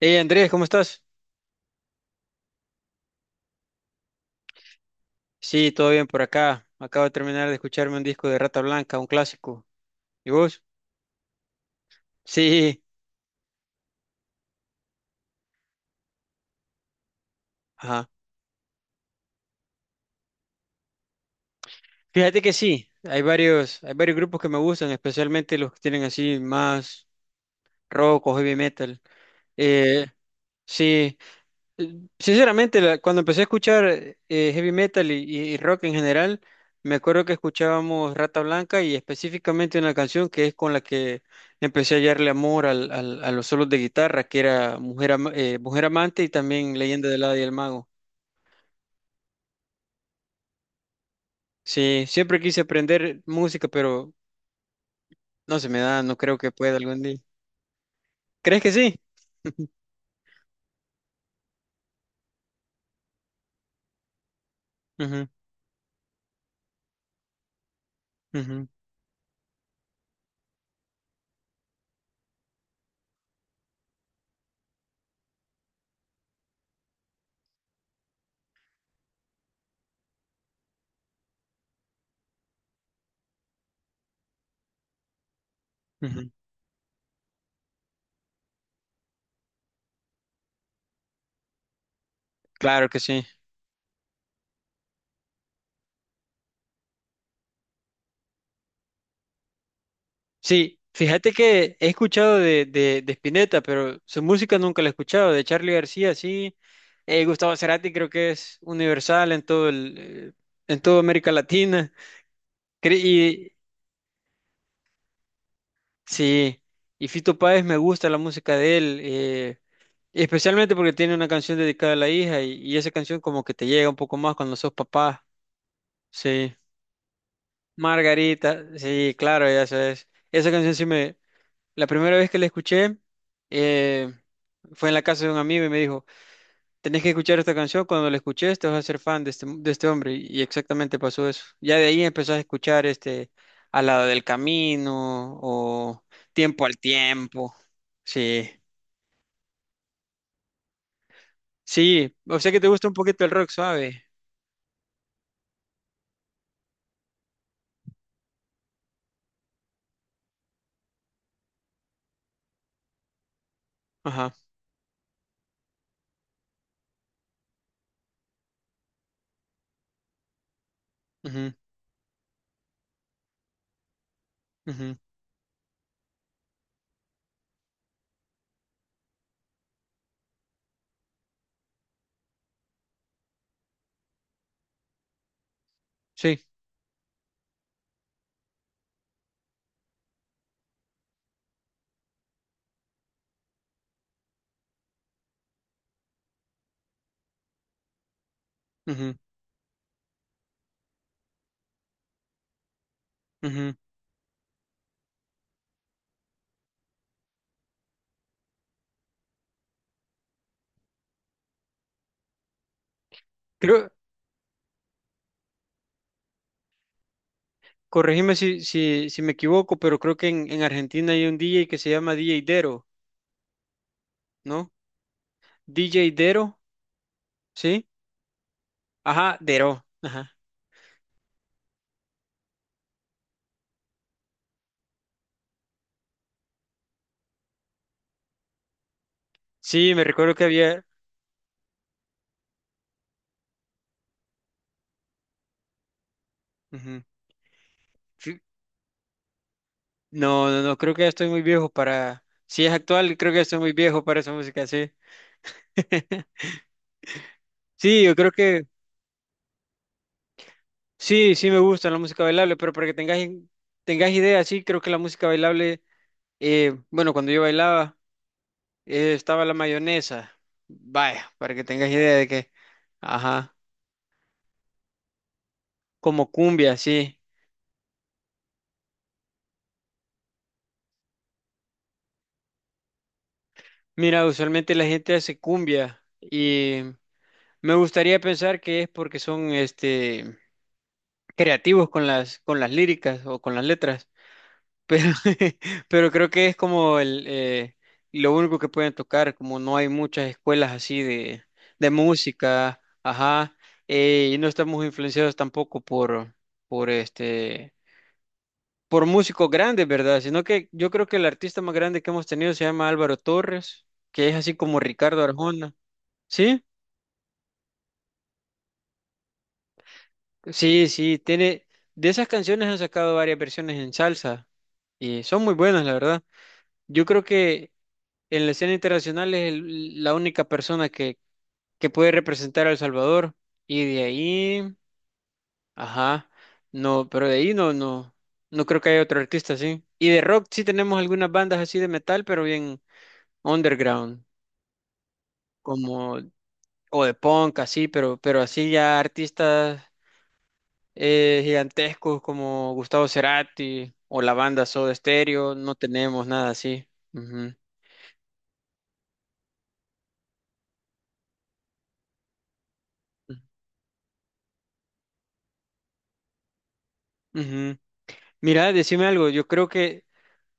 Hey Andrés, ¿cómo estás? Sí, todo bien por acá. Acabo de terminar de escucharme un disco de Rata Blanca, un clásico. ¿Y vos? Sí, ajá. Fíjate que sí, hay varios grupos que me gustan, especialmente los que tienen así más rock o heavy metal. Eh, sí. Sinceramente, cuando empecé a escuchar heavy metal y rock en general, me acuerdo que escuchábamos Rata Blanca y específicamente una canción que es con la que empecé a hallarle amor a los solos de guitarra, que era Mujer, Mujer Amante y también Leyenda del Hada y el Mago. Sí, siempre quise aprender música, pero no se me da, no creo que pueda algún día. ¿Crees que sí? Ujú, ujú, ujú. Claro que sí. Sí, fíjate que he escuchado de Spinetta, pero su música nunca la he escuchado. De Charly García, sí. Gustavo Cerati creo que es universal en toda América Latina. Y sí, y Fito Páez me gusta la música de él, especialmente porque tiene una canción dedicada a la hija y esa canción como que te llega un poco más cuando sos papá. Sí. Margarita, sí, claro, ya sabes. Esa canción, la primera vez que la escuché eh, fue en la casa de un amigo y me dijo, tenés que escuchar esta canción, cuando la escuches te vas a ser fan de este hombre. Y exactamente pasó eso. Ya de ahí empezás a escuchar este Al lado del camino o Tiempo al tiempo. Sí, sí, o sea que te gusta un poquito el rock, suave. Ajá, ujú, ujú. Sí, ujú, ujú. Creo, corregime si, si, si me equivoco, pero creo que en Argentina hay un DJ que se llama DJ Dero, ¿no? DJ Dero. ¿Sí? Ajá, Dero. Ajá. Sí, me recuerdo que había. Ujú. Sí. No, no, no, creo que ya estoy muy viejo para. Si es actual, creo que ya estoy muy viejo para esa música, sí. Sí, yo creo que sí, sí me gusta la música bailable, pero para que tengas, tengas idea, sí, creo que la música bailable, bueno, cuando yo bailaba, estaba la mayonesa. Vaya, para que tengas idea de que, ajá, como cumbia, sí. Mira, usualmente la gente hace cumbia y me gustaría pensar que es porque son este creativos con las líricas o con las letras, pero pero creo que es como el lo único que pueden tocar, como no hay muchas escuelas así de música, ajá, y no estamos influenciados tampoco por este por músicos grandes, ¿verdad? Sino que yo creo que el artista más grande que hemos tenido se llama Álvaro Torres, que es así como Ricardo Arjona, ¿sí? Sí, sí, tiene. De esas canciones han sacado varias versiones en salsa y son muy buenas, la verdad. Yo creo que en la escena internacional es la única persona que puede representar a El Salvador y de ahí, ajá, no, pero de ahí no, no, no creo que haya otro artista así. Y de rock sí tenemos algunas bandas así de metal, pero bien underground, como o de punk así, pero así ya artistas gigantescos como Gustavo Cerati o la banda Soda Stereo, no tenemos nada así. Ujú. Ujú. Mira, decime algo, yo creo que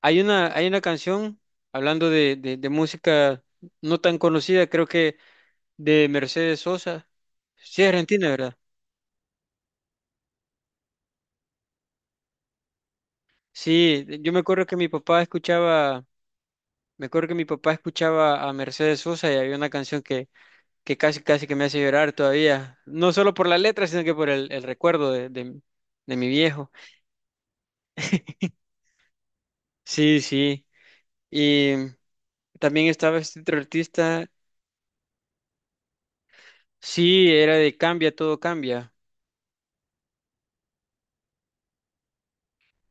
hay una canción, hablando de música no tan conocida, creo que de Mercedes Sosa, sí, es argentina, ¿verdad? Sí, yo me acuerdo que mi papá escuchaba, me acuerdo que mi papá escuchaba a Mercedes Sosa y había una canción que casi, casi que me hace llorar todavía. No solo por la letra, sino que por el recuerdo de mi viejo. Sí, sí. Y también estaba este otro artista. Sí, era de Cambia, todo cambia.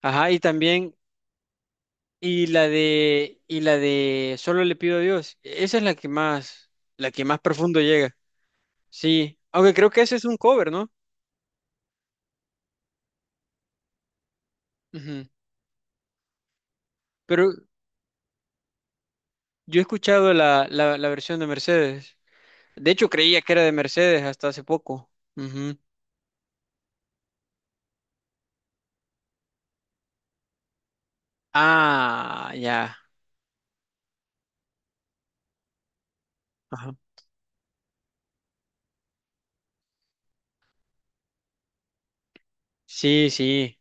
Ajá, y también, y la de Solo le pido a Dios. Esa es la que más profundo llega. Sí, aunque creo que ese es un cover, ¿no? Ujú. Pero yo he escuchado la versión de Mercedes. De hecho, creía que era de Mercedes hasta hace poco. Ujú. Ah, ya. Ajá. Sí, sí.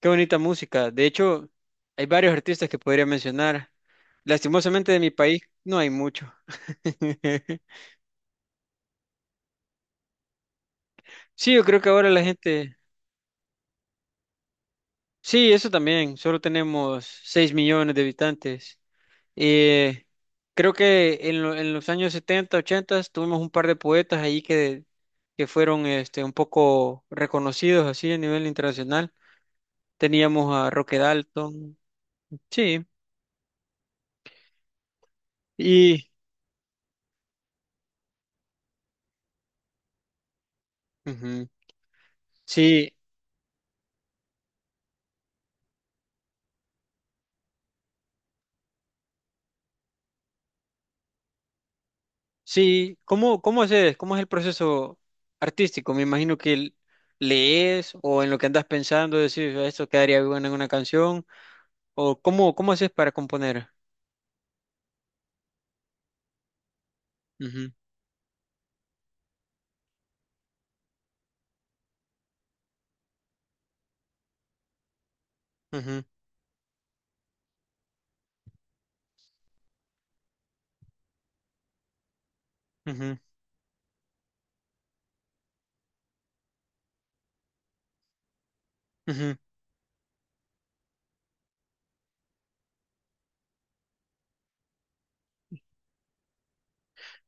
Qué bonita música. De hecho, hay varios artistas que podría mencionar. Lastimosamente de mi país no hay mucho. Sí, yo creo que ahora la gente... Sí, eso también. Solo tenemos 6 millones de habitantes. Eh, Creo que en los años 70, 80 tuvimos un par de poetas ahí que fueron este, un poco reconocidos así a nivel internacional. Teníamos a Roque Dalton. Sí. Ujú. Sí, sí. ¿Cómo haces? ¿Cómo es el proceso artístico? Me imagino que lees o en lo que andas pensando decís, "Ah, esto quedaría bueno en una canción." ¿O cómo haces para componer? Ujú, ujú, ujú, ujú.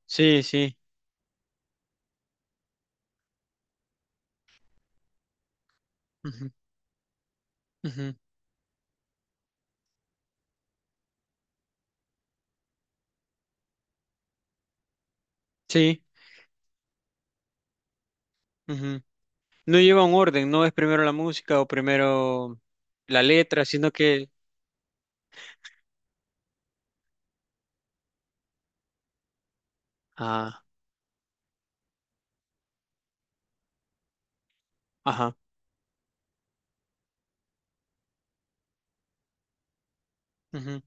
Sí, sí. Ujú, ujú. Sí. Ujú. No lleva un orden, no es primero la música o primero la letra, sino que. Ah, ajá. Ujú.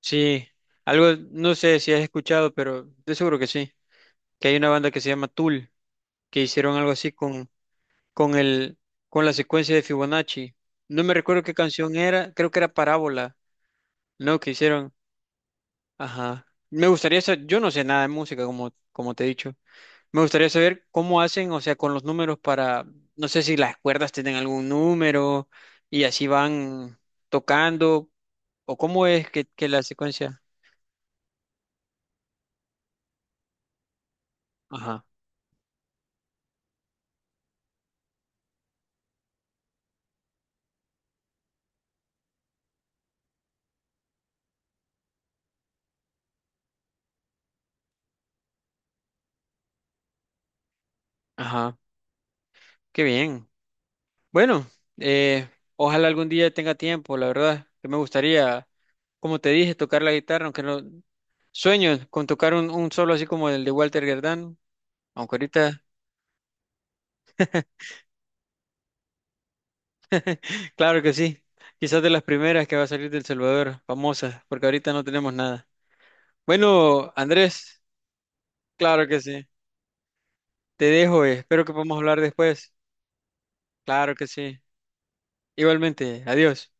Sí. Algo, no sé si has escuchado, pero de seguro que sí, que hay una banda que se llama Tool, que hicieron algo así con el, con la secuencia de Fibonacci. No me recuerdo qué canción era, creo que era Parábola, ¿no? Que hicieron. Ajá. Me gustaría saber, yo no sé nada de música, como te he dicho. Me gustaría saber cómo hacen, o sea, con los números para, no sé si las cuerdas tienen algún número y así van tocando, o cómo es que la secuencia. Ajá, ajá, qué bien. Bueno, eh, ojalá algún día tenga tiempo, la verdad, que me gustaría, como te dije, tocar la guitarra, aunque no sueño con tocar un solo así como el de Walter Gerdán, aunque ahorita, claro que sí, quizás de las primeras que va a salir del Salvador, famosas, porque ahorita no tenemos nada. Bueno, Andrés, claro que sí, te dejo, espero que podamos hablar después, claro que sí, igualmente, adiós.